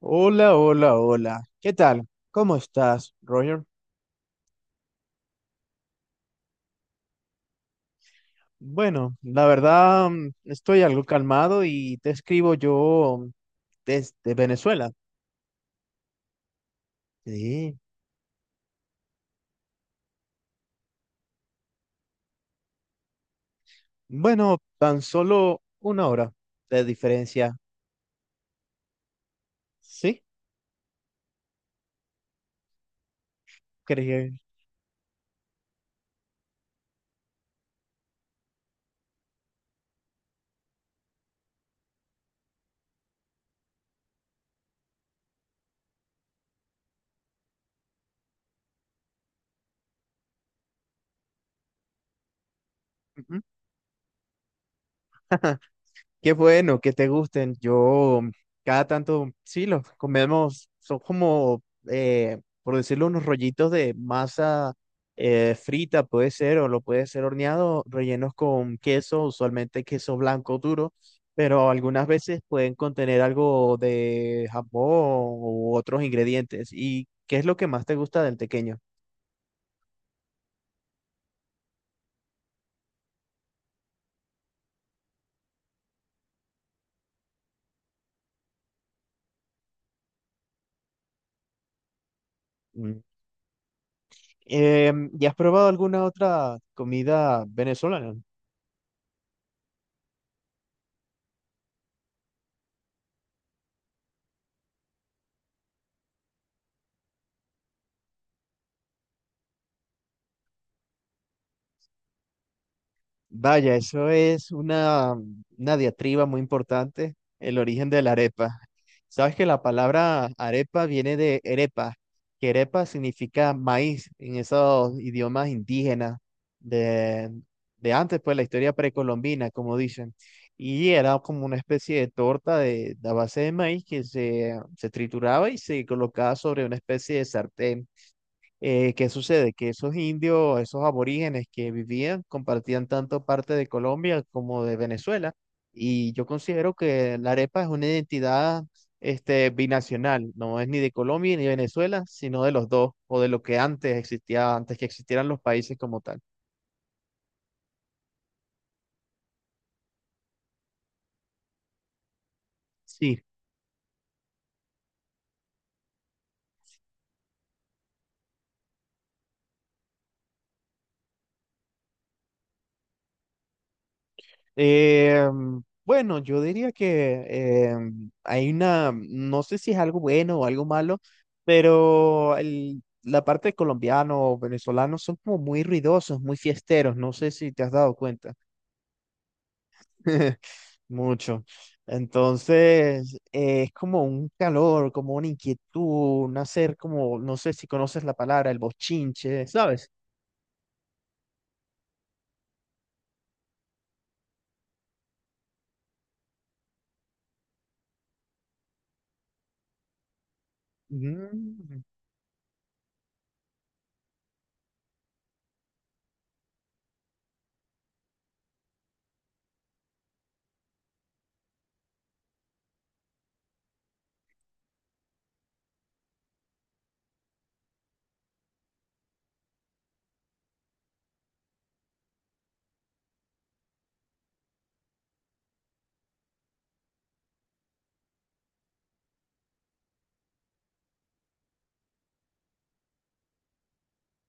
Hola, hola, hola. ¿Qué tal? ¿Cómo estás, Roger? Bueno, la verdad estoy algo calmado y te escribo yo desde Venezuela. Sí. Bueno, tan solo una hora de diferencia. ¿Sí? Creo. Qué bueno que te gusten. Yo cada tanto, sí, los comemos. Son como, por decirlo, unos rollitos de masa frita, puede ser, o lo puede ser horneado, rellenos con queso, usualmente queso blanco duro, pero algunas veces pueden contener algo de jamón u otros ingredientes. ¿Y qué es lo que más te gusta del tequeño? Mm. ¿Y has probado alguna otra comida venezolana? Vaya, eso es una diatriba muy importante, el origen de la arepa. Sabes que la palabra arepa viene de arepa, que arepa significa maíz en esos idiomas indígenas de, de antes, pues la historia precolombina, como dicen. Y era como una especie de torta de a base de maíz que se trituraba y se colocaba sobre una especie de sartén. ¿Qué sucede? Que esos indios, esos aborígenes que vivían, compartían tanto parte de Colombia como de Venezuela. Y yo considero que la arepa es una identidad binacional, no es ni de Colombia ni de Venezuela, sino de los dos, o de lo que antes existía, antes que existieran los países como tal. Sí. Eh, bueno, yo diría que hay una, no sé si es algo bueno o algo malo, pero la parte de colombiano o venezolano son como muy ruidosos, muy fiesteros, no sé si te has dado cuenta. Mucho. Entonces, es como un calor, como una inquietud, un hacer como, no sé si conoces la palabra, el bochinche, ¿sabes? Mm.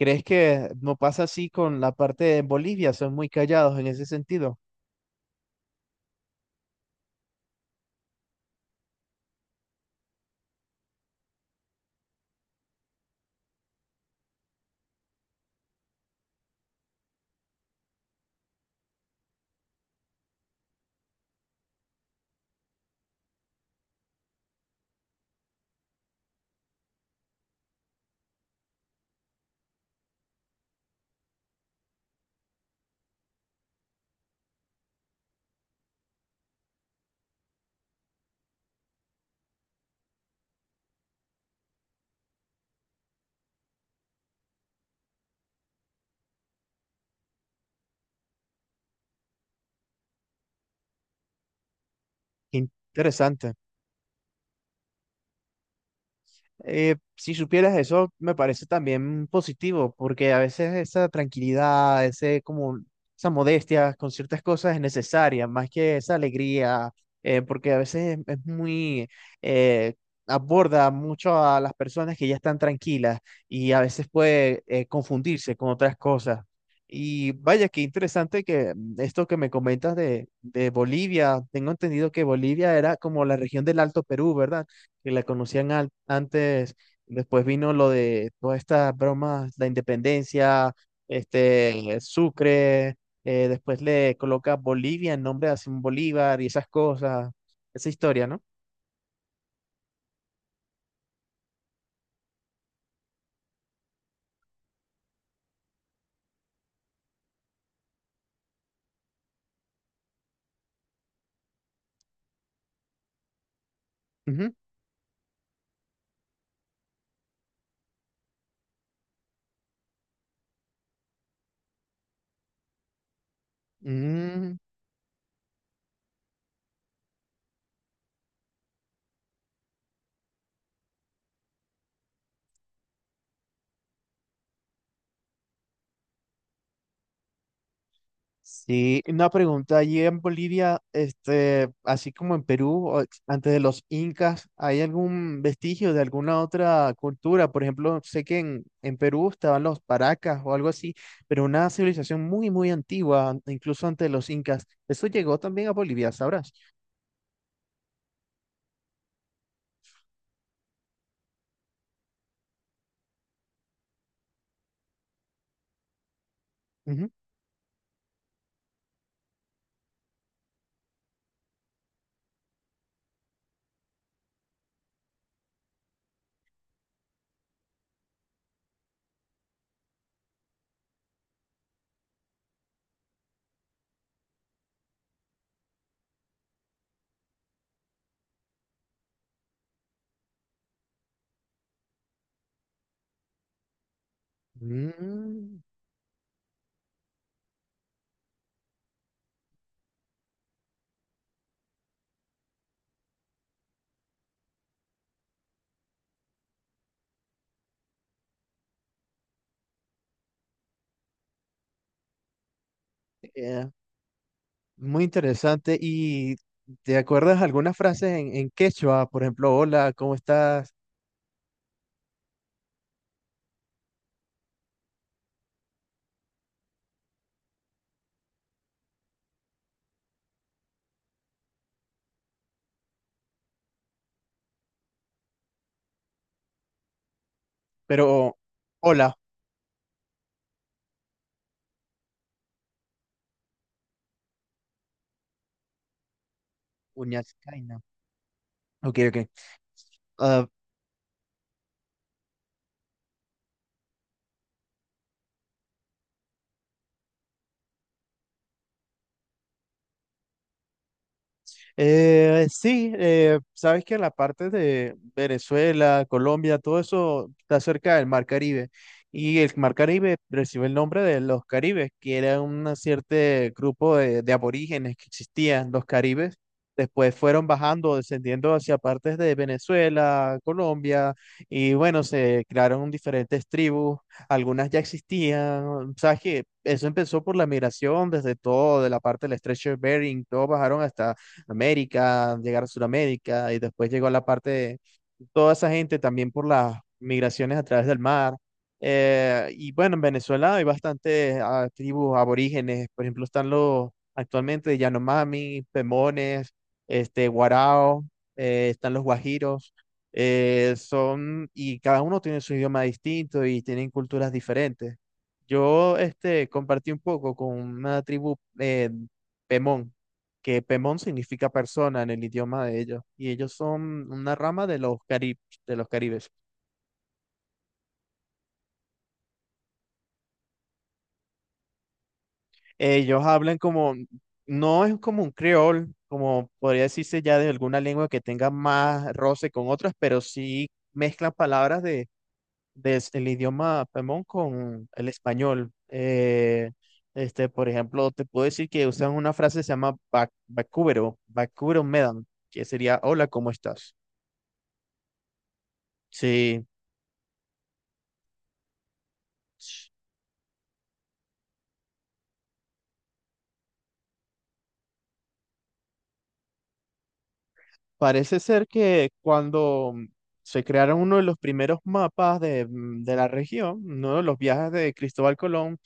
¿Crees que no pasa así con la parte de Bolivia? Son muy callados en ese sentido. Qué interesante. Si supieras eso, me parece también positivo, porque a veces esa tranquilidad, ese como esa modestia con ciertas cosas es necesaria, más que esa alegría, porque a veces es muy eh, aborda mucho a las personas que ya están tranquilas y a veces puede confundirse con otras cosas. Y vaya, qué interesante que esto que me comentas de Bolivia, tengo entendido que Bolivia era como la región del Alto Perú, ¿verdad? Que la conocían antes, después vino lo de todas estas bromas, la independencia, Sucre, después le coloca Bolivia en nombre de Simón Bolívar y esas cosas, esa historia, ¿no? Ujú. Sí, una pregunta, allí en Bolivia, este, así como en Perú, o antes de los incas, ¿hay algún vestigio de alguna otra cultura? Por ejemplo, sé que en Perú estaban los paracas o algo así, pero una civilización muy, muy antigua, incluso antes de los incas. Eso llegó también a Bolivia, ¿sabrás? Ujú. Mm, eh, muy interesante. ¿Y te acuerdas algunas frases en quechua? Por ejemplo, hola, ¿cómo estás? Pero, hola, uñascaina. Ok, ok. Ah, sí, sabes que la parte de Venezuela, Colombia, todo eso está cerca del Mar Caribe. Y el Mar Caribe recibe el nombre de los Caribes, que era un cierto grupo de aborígenes que existían, los Caribes. Después fueron bajando, descendiendo hacia partes de Venezuela, Colombia, y bueno, se crearon diferentes tribus, algunas ya existían. Sabes que eso empezó por la migración desde todo, de la parte del estrecho de Bering, todos bajaron hasta América, llegar a Sudamérica y después llegó a la parte de toda esa gente también por las migraciones a través del mar. Y bueno, en Venezuela hay bastantes ah, tribus aborígenes, por ejemplo, están los actualmente Yanomami, Pemones, Guarao, están los Guajiros, son, y cada uno tiene su idioma distinto y tienen culturas diferentes. Yo compartí un poco con una tribu Pemón, que Pemón significa persona en el idioma de ellos, y ellos son una rama de los caribes, de los caribes. Ellos hablan como, no es como un creol, como podría decirse ya de alguna lengua que tenga más roce con otras, pero sí mezclan palabras de el idioma Pemón con el español. Este, por ejemplo, te puedo decir que usan una frase que se llama bacúbero, bacúbero medan, que sería hola, ¿cómo estás? Sí. Parece ser que cuando se crearon uno de los primeros mapas mm, de la región, uno de los viajes de Cristóbal Colón,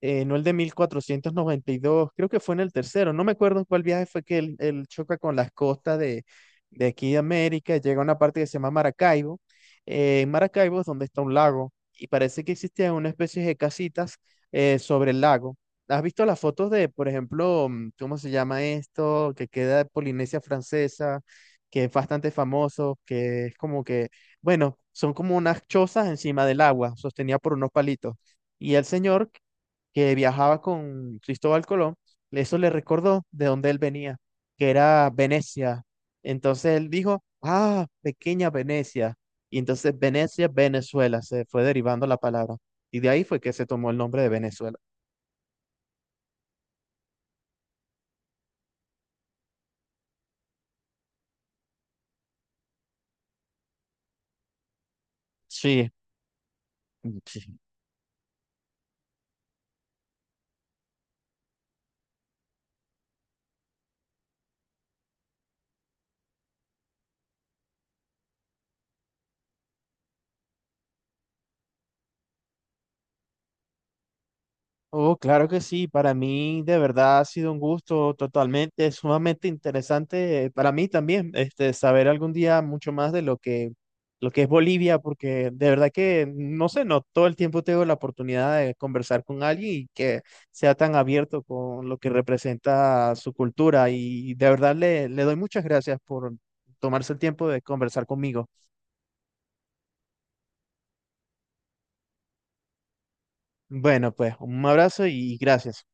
no el de 1492 creo que fue en el tercero, no me acuerdo en cuál viaje fue que él choca con las costas de aquí de América, llega a una parte que se llama Maracaibo, en Maracaibo es donde está un lago y parece que existían una especie de casitas sobre el lago. ¿Has visto las fotos de, por ejemplo, mm, cómo se llama esto, que queda en Polinesia Francesa, que es bastante famoso, que es como que, bueno, son como unas chozas encima del agua, sostenida por unos palitos. Y el señor que viajaba con Cristóbal Colón, eso le recordó de dónde él venía, que era Venecia. Entonces él dijo, ah, pequeña Venecia. Y entonces Venecia, Venezuela, se fue derivando la palabra. Y de ahí fue que se tomó el nombre de Venezuela. Sí, sí. Oh, claro que sí, para mí de verdad ha sido un gusto totalmente, sumamente interesante para mí también, este, saber algún día mucho más de lo que es Bolivia, porque de verdad que, no sé, no todo el tiempo tengo la oportunidad de conversar con alguien y que sea tan abierto con lo que representa su cultura y de verdad le, le doy muchas gracias por tomarse el tiempo de conversar conmigo. Bueno, pues un abrazo y gracias.